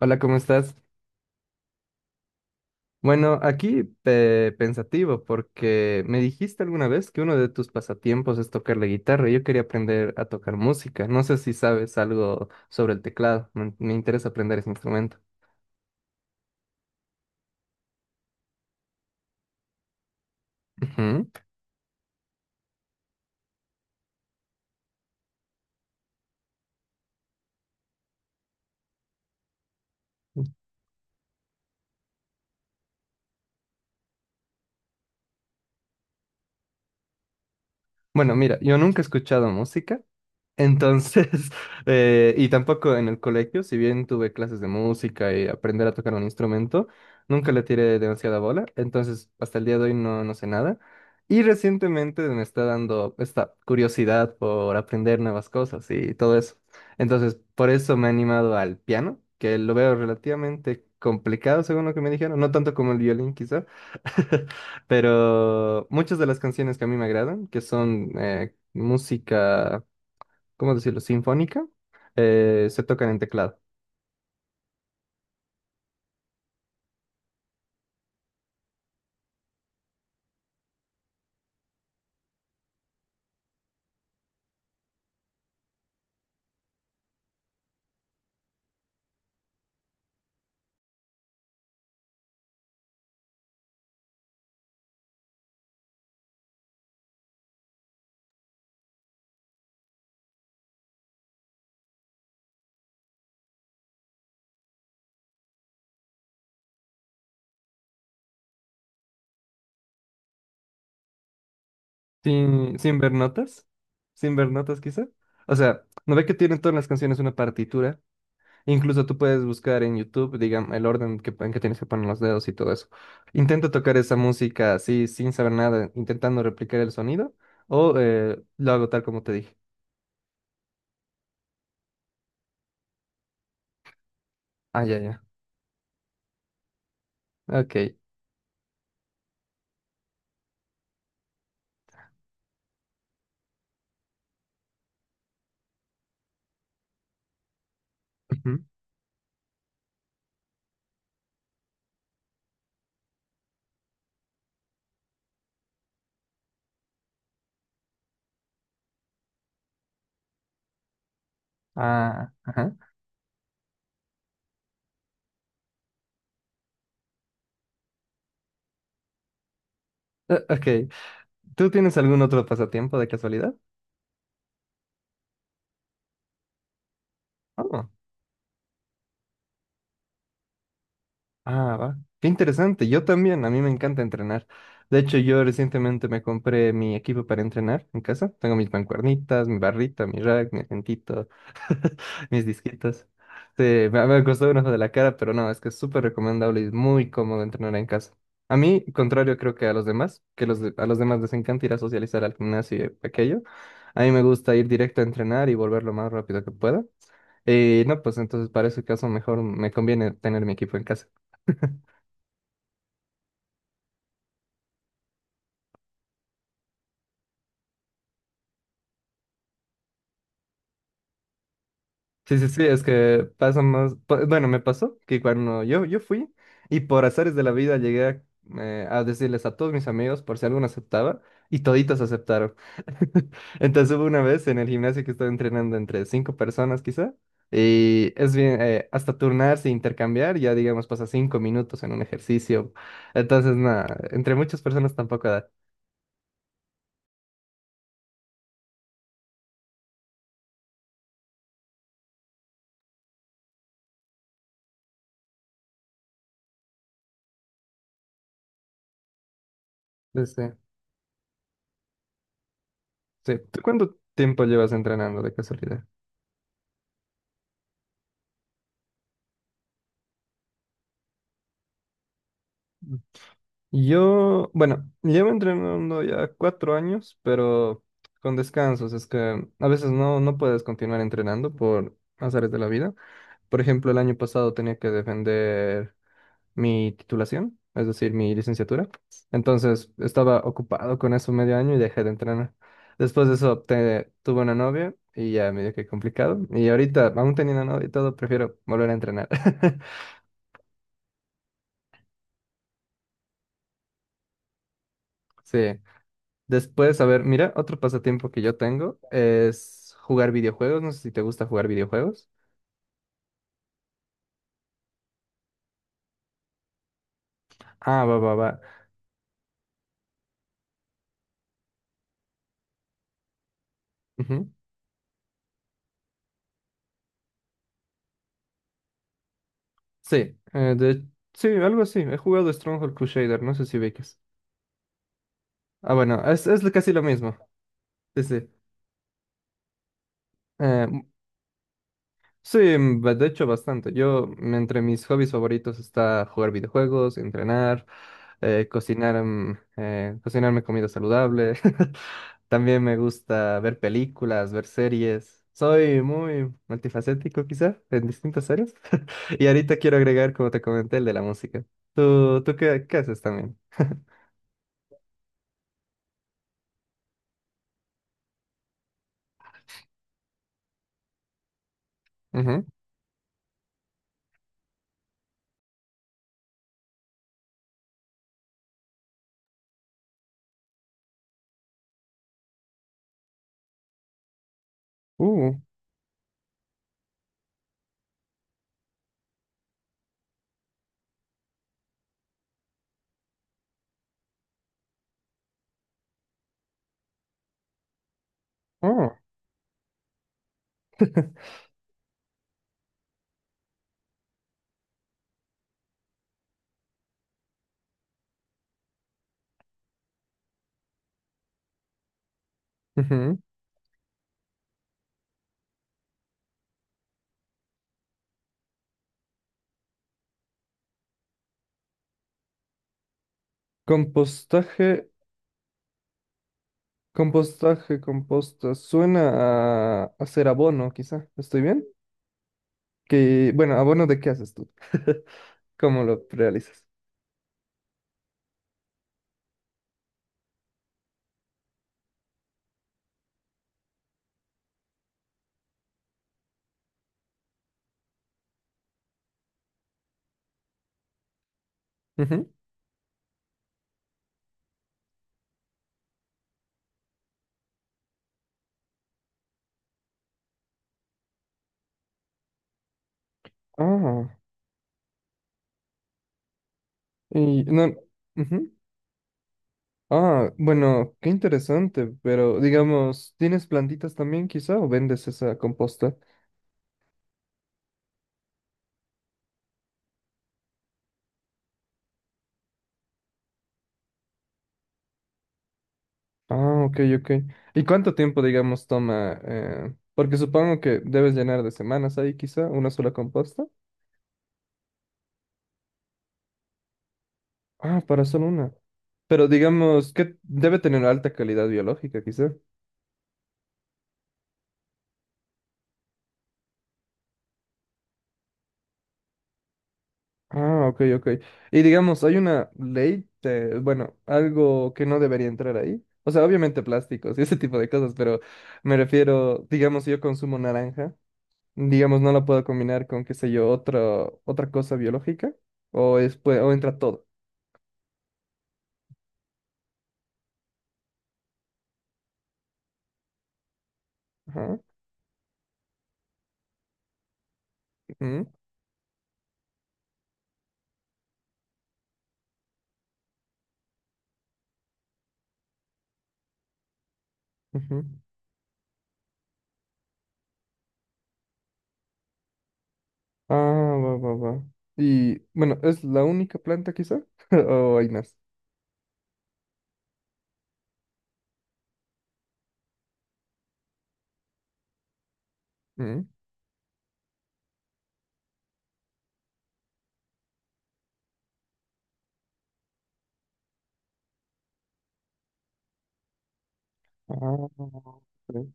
Hola, ¿cómo estás? Bueno, aquí pensativo porque me dijiste alguna vez que uno de tus pasatiempos es tocar la guitarra y yo quería aprender a tocar música. No sé si sabes algo sobre el teclado. Me interesa aprender ese instrumento. Ujú. Bueno, mira, yo nunca he escuchado música. Entonces, y tampoco en el colegio, si bien tuve clases de música y aprender a tocar un instrumento, nunca le tiré demasiada bola, entonces hasta el día de hoy no sé nada. Y recientemente me está dando esta curiosidad por aprender nuevas cosas y todo eso. Entonces, por eso me he animado al piano, que lo veo relativamente complicado según lo que me dijeron, no tanto como el violín quizá, pero muchas de las canciones que a mí me agradan, que son música, ¿cómo decirlo? Sinfónica, se tocan en teclado. Sin ver notas, sin ver notas quizá. O sea, ¿no ve que tienen todas las canciones una partitura? Incluso tú puedes buscar en YouTube, digamos, el orden que, en que tienes que poner los dedos y todo eso. Intenta tocar esa música así, sin saber nada, intentando replicar el sonido, o lo hago tal como te dije. Ah, ya, ya. Ok. Ujú. Ah, ajá. Ok. ¿Tú tienes algún otro pasatiempo de casualidad? Oh. Ah, va. Qué interesante. Yo también, a mí me encanta entrenar. De hecho, yo recientemente me compré mi equipo para entrenar en casa. Tengo mis mancuernitas, mi barrita, mi rack, mi agentito, mis disquitos. Sí, me costó un ojo de la cara, pero no, es que es súper recomendable y es muy cómodo entrenar en casa. A mí, contrario creo que a los demás, que a los demás les encanta ir a socializar al gimnasio y aquello. A mí me gusta ir directo a entrenar y volver lo más rápido que pueda. Y no, pues entonces para ese caso mejor me conviene tener mi equipo en casa. Sí, sí, sí, es que pasa más, bueno, me pasó que cuando yo fui y por azares de la vida llegué a decirles a todos mis amigos por si alguno aceptaba y toditos aceptaron. Entonces hubo una vez en el gimnasio que estaba entrenando entre cinco personas quizá y es bien, hasta turnarse e intercambiar, ya digamos pasa cinco minutos en un ejercicio. Entonces nada, entre muchas personas tampoco da. Sí, sí. Sí. ¿Tú cuánto tiempo llevas entrenando de casualidad? Yo, bueno, llevo entrenando ya cuatro años, pero con descansos. Es que a veces no puedes continuar entrenando por azares de la vida. Por ejemplo, el año pasado tenía que defender mi titulación, es decir, mi licenciatura. Entonces estaba ocupado con eso medio año y dejé de entrenar. Después de eso tuve una novia y ya medio que complicado. Y ahorita, aún teniendo novia y todo, prefiero volver a entrenar. Sí. Después, a ver, mira, otro pasatiempo que yo tengo es jugar videojuegos. No sé si te gusta jugar videojuegos. Ah, va, va, va. Ujú. Sí, sí, algo así. He jugado Stronghold Crusader, no sé si ubicas. Ah, bueno, es casi lo mismo. Sí, sí. Eh, sí, de hecho, bastante. Yo, entre mis hobbies favoritos está jugar videojuegos, entrenar, cocinar, cocinarme comida saludable. También me gusta ver películas, ver series. Soy muy multifacético quizá en distintas áreas. Y ahorita quiero agregar, como te comenté, el de la música. ¿Tú, tú qué, qué haces también? Ujú. Uh, oh. Ujú. Compostaje, compostaje, composta. Suena a hacer abono, quizá. ¿Estoy bien? Que, bueno, ¿abono de qué haces tú? ¿Cómo lo realizas? Ujú. Ah, y no. Ujú. Ah, bueno, qué interesante, pero digamos, ¿tienes plantitas también quizá o vendes esa composta? Ah, ok, ok. ¿Y cuánto tiempo, digamos, toma? Porque supongo que debes llenar de semanas ahí quizá una sola composta. Ah, para solo una. Pero digamos, que debe tener alta calidad biológica quizá. Ah, ok, ok. Y digamos, hay una ley, bueno, algo que no debería entrar ahí. O sea, obviamente plásticos y ese tipo de cosas, pero me refiero, digamos, si yo consumo naranja. Digamos, no la puedo combinar con, qué sé yo, otra cosa biológica, o, es, o entra todo. Ajá. Ujú, ujú. Ah, va, va, va. Y bueno, ¿es la única planta quizá? ¿O hay más? Ujú. Ah, ok.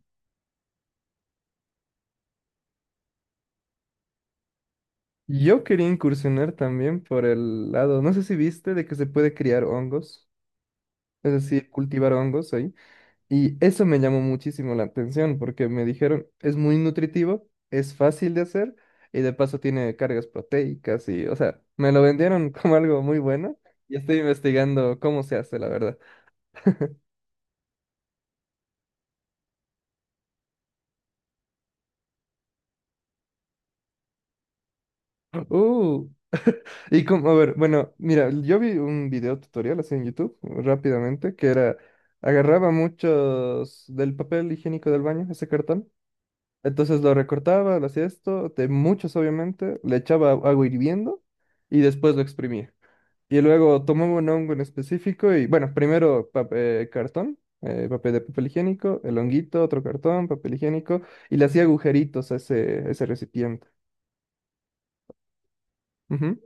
Yo quería incursionar también por el lado, no sé si viste, de que se puede criar hongos, es decir, cultivar hongos ahí. Y eso me llamó muchísimo la atención porque me dijeron, es muy nutritivo, es fácil de hacer y de paso tiene cargas proteicas y, o sea, me lo vendieron como algo muy bueno y estoy investigando cómo se hace, la verdad. Uh, y como, a ver, bueno, mira, yo vi un video tutorial así en YouTube rápidamente que era, agarraba muchos del papel higiénico del baño, ese cartón, entonces lo recortaba, lo hacía esto, de muchos obviamente, le echaba agua hirviendo y después lo exprimía. Y luego tomamos un hongo en específico y, bueno, primero cartón, papel de papel higiénico, el honguito, otro cartón, papel higiénico, y le hacía agujeritos a ese recipiente. Ujú,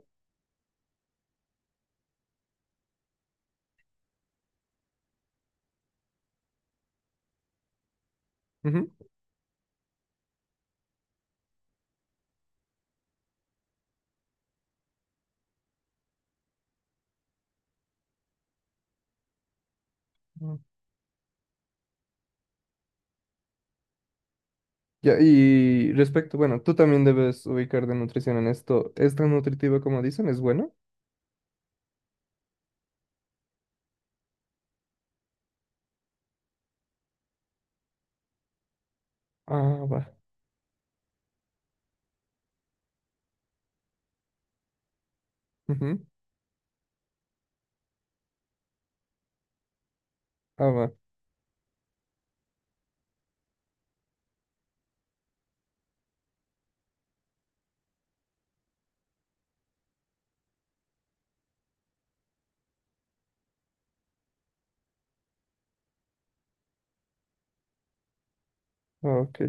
ujú. Mm. Ya, y respecto, bueno, tú también debes ubicar de nutrición en esto. ¿Es tan nutritivo como dicen? ¿Es bueno? Ah, va. Ujú. Ah, va. Ah, ok.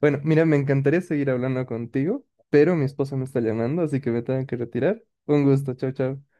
Bueno, mira, me encantaría seguir hablando contigo, pero mi esposa me está llamando, así que me tengo que retirar. Un gusto, chao, chao.